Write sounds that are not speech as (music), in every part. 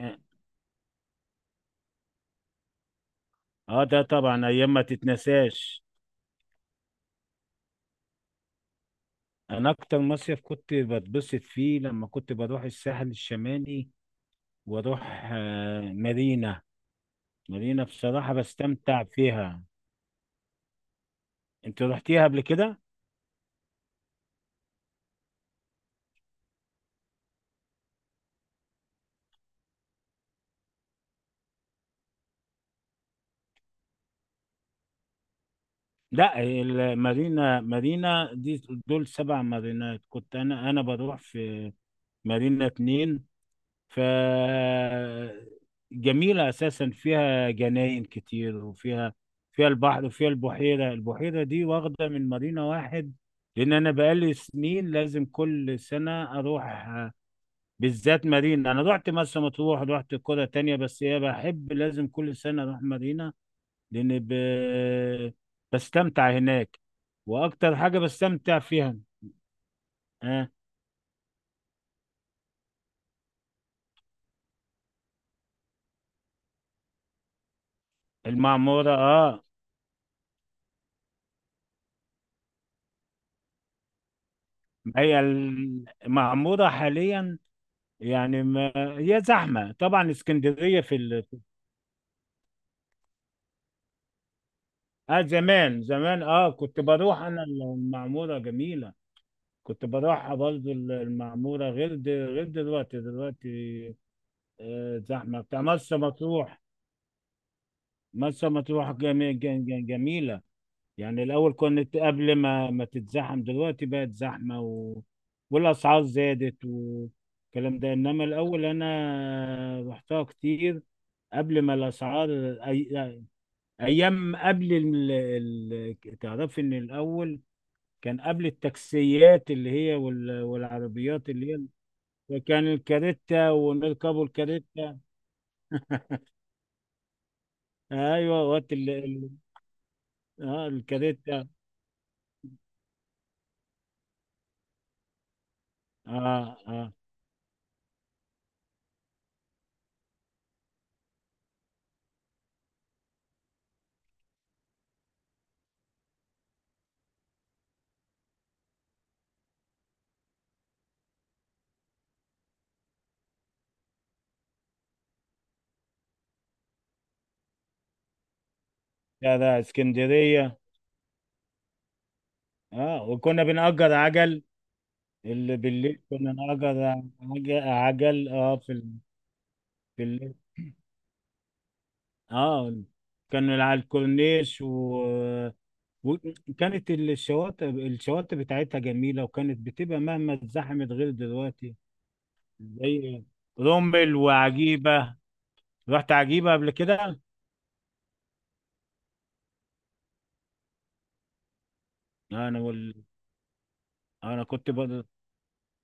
اه. ده طبعا ايام ما تتنساش. انا اكتر مصيف كنت بتبسط فيه لما كنت بروح الساحل الشمالي، واروح مارينا. مارينا بصراحة بستمتع فيها. انت رحتيها قبل كده؟ لا، المارينا، مارينا دي دول سبع مارينات. كنت انا بروح في مارينا اتنين. ف جميلة أساسا، فيها جناين كتير، وفيها البحر، وفيها البحيرة. البحيرة دي واخدة من مارينا واحد. لأن أنا بقالي سنين لازم كل سنة أروح، بالذات مارينا. أنا رحت مرسى مطروح، رحت قرى تانية، بس هي بحب لازم كل سنة أروح مارينا. لأن ب... بستمتع هناك، وأكتر حاجة بستمتع فيها. آه. المعمورة، آه. هي المعمورة حاليا، يعني ما هي زحمة طبعا. اه، زمان، زمان، كنت بروح انا المعمورة جميلة. كنت بروحها برضو، المعمورة غير دلوقتي. دلوقتي زحمة بتاع مرسى مطروح. مرسى مطروح جميلة. يعني الأول، كنت قبل ما تتزحم. دلوقتي بقت زحمة، والأسعار زادت والكلام ده. إنما الأول أنا رحتها كتير قبل ما الأسعار. ايام قبل تعرفي ان الاول كان قبل التاكسيات اللي هي والعربيات اللي هي، كان الكاريتا، ونركبوا الكاريتا. ايوه، اه، الكاريتا. اه، اه، لا، لا، اسكندريه. اه، وكنا بنأجر عجل. اللي بالليل كنا نأجر عجل، في الليل. اه، كان على الكورنيش، وكانت الشواطئ بتاعتها جميلة، وكانت بتبقى مهما اتزحمت غير دلوقتي. زي رمل وعجيبة. رحت عجيبة قبل كده؟ انا وال... انا كنت بقى،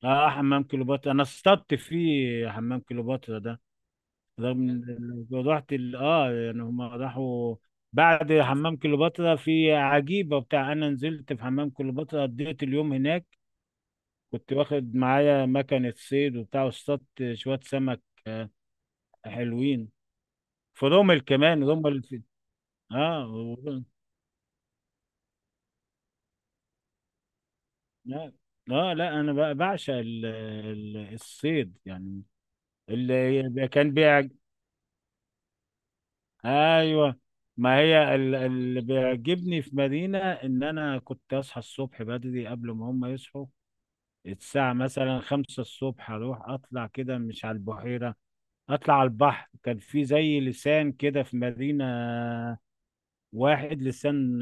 اه، حمام كليوباترا، انا اصطدت في حمام كليوباترا ده. رغم إن رحت ال... اه يعني هم راحوا بعد حمام كليوباترا في عجيبة بتاع. انا نزلت في حمام كليوباترا، قضيت اليوم هناك. كنت واخد معايا مكنة صيد وبتاع، واصطدت شوية سمك. آه، حلوين. فرومل كمان هم اللي في اه و- لا، لا انا بقى بعشق الصيد يعني. اللي كان بيعج ايوه، ما هي اللي بيعجبني في مدينة ان انا كنت اصحى الصبح بدري قبل ما هم يصحوا. الساعة مثلا خمسة الصبح، اروح اطلع كده، مش على البحيرة، اطلع على البحر. كان في زي لسان كده في مدينة. واحد لسان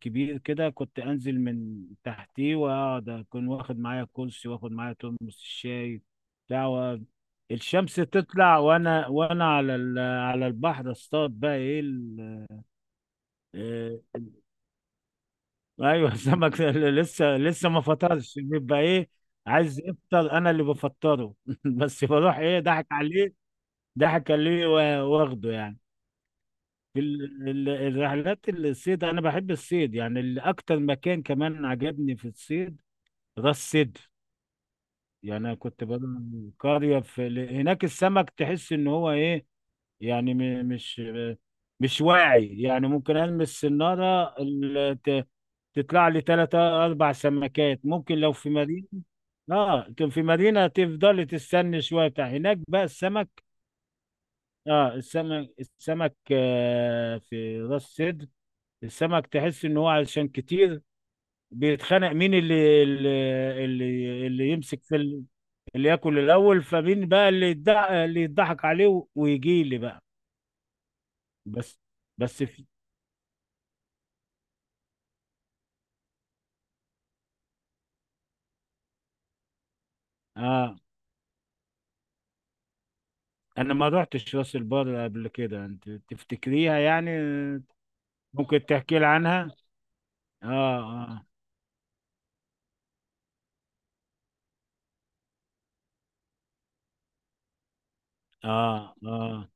كبير كده، كنت انزل من تحتيه واقعد، اكون واخد معايا كرسي، واخد معايا ترمس الشاي بتاع و- الشمس تطلع، وانا على على البحر اصطاد، بقى ايه آه، ايوه، (laughs) سمك لسه ما فطرش. بيبقى ايه؟ عايز يفطر، انا اللي بفطره. (laughs) بس بروح ايه، ضحك عليه. ضحك عليه، واخده يعني. الرحلات الصيد، انا بحب الصيد يعني. اللي اكتر مكان كمان عجبني في الصيد راس سدر. يعني انا كنت بروح قريه هناك، السمك تحس ان هو ايه. يعني مش واعي يعني، ممكن المس السناره تطلع لي ثلاثة اربع سمكات. ممكن لو في مدينه. اه، كان في مدينه تفضلي تستني شويه بتاع، هناك بقى السمك. اه، السمك في راس سدر، السمك تحس ان هو عشان كتير بيتخانق مين اللي اللي يمسك في اللي ياكل الاول. فمين بقى اللي يضحك، عليه ويجي لي بقى. بس. بس في اه انا ما رحتش راس البر قبل كده، انت تفتكريها يعني؟ ممكن تحكي لي عنها. اه، اه، اه، اه،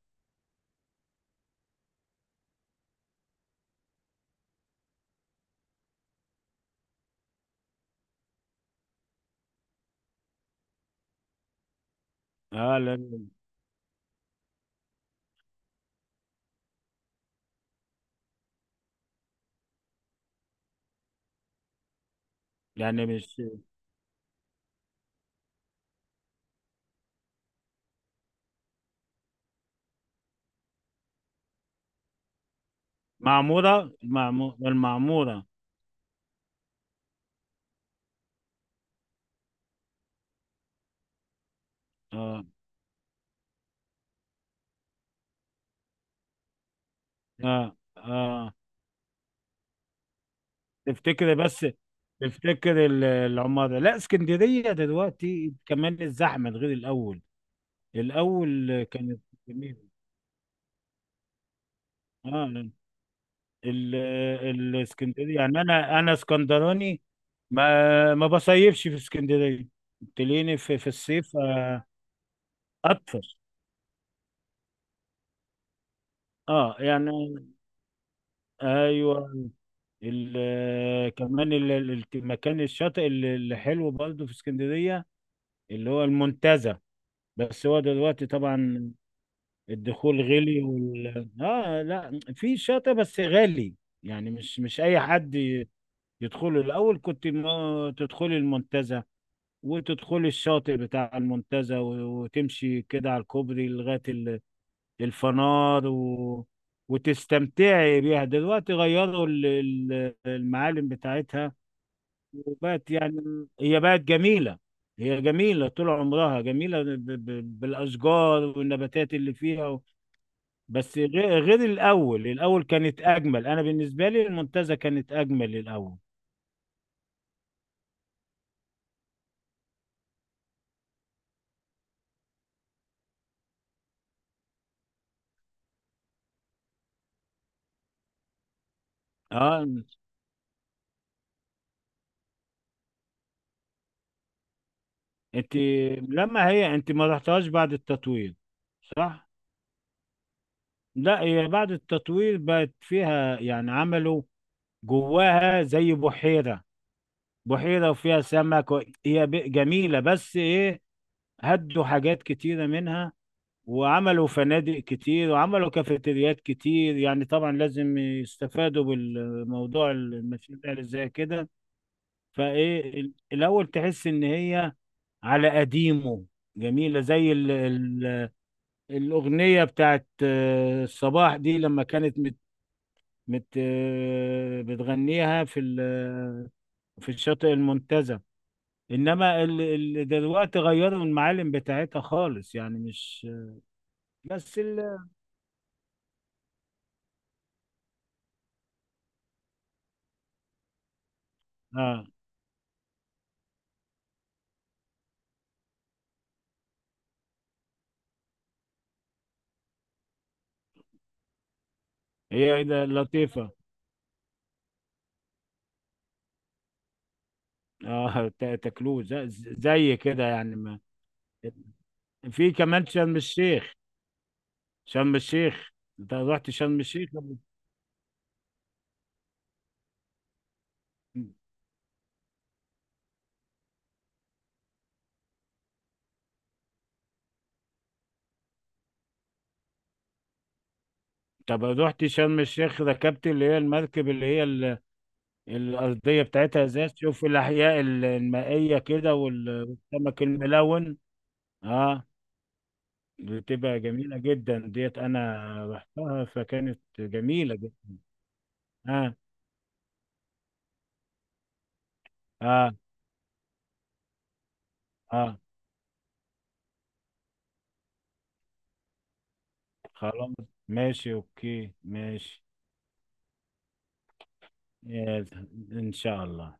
اه. يعني مش المعمورة. اه، اه، اه. تفتكر بس تفتكر العمارة. لا، اسكندرية دلوقتي كمان الزحمة غير الأول. الأول كانت جميلة. اه ال- ال- الاسكندرية يعني، أنا اسكندراني، ما بصيفش في اسكندرية. تلاقيني في الصيف أطفش. اه يعني ايوه. المكان الشاطئ اللي حلو برضه في اسكندرية، اللي هو المنتزه. بس هو دلوقتي طبعا الدخول غلي، وال اه لا، في شاطئ بس غالي، يعني مش اي حد يدخله. الاول كنت ما تدخلي المنتزه، وتدخلي الشاطئ بتاع المنتزه، وتمشي كده على الكوبري لغايه الفنار، وتستمتعي بيها. دلوقتي غيروا المعالم بتاعتها وبقت يعني. هي بقت جميله، هي جميله طول عمرها، جميله بالاشجار والنباتات اللي فيها. بس غير، الاول. الاول كانت اجمل. انا بالنسبه لي المنتزه كانت اجمل الاول. اه انت لما هي، انت ما رحتهاش بعد التطوير، صح؟ لا، هي بعد التطوير بقت فيها، يعني عملوا جواها زي بحيره. بحيره وفيها سمك، جميله، بس ايه، هدوا حاجات كتيره منها، وعملوا فنادق كتير، وعملوا كافيتريات كتير. يعني طبعا لازم يستفادوا بالموضوع، المشاريع اللي زي كده. الاول تحس ان هي على قديمه، جميله زي ال ال الاغنيه بتاعت الصباح دي، لما كانت مت مت آه، بتغنيها في الشاطئ المنتزه. انما ال ال دلوقتي غيروا المعالم بتاعتها خالص، يعني مش بس ال اه، هي إيه ده، لطيفه. اه، تاكلوه، زي زي كده يعني ما في كمان شرم الشيخ. شرم الشيخ، انت رحت شرم الشيخ قبل؟ طب رحت شرم الشيخ، ركبت اللي هي المركب اللي هي الأرضية بتاعتها ازاز، تشوف الأحياء المائية كده، والسمك الملون. اه، بتبقى جميلة جدا ديت. أنا رحتها فكانت جميلة جدا. اه، اه، اه. خلاص. ماشي، أوكي، ماشي. يلا، إن شاء الله.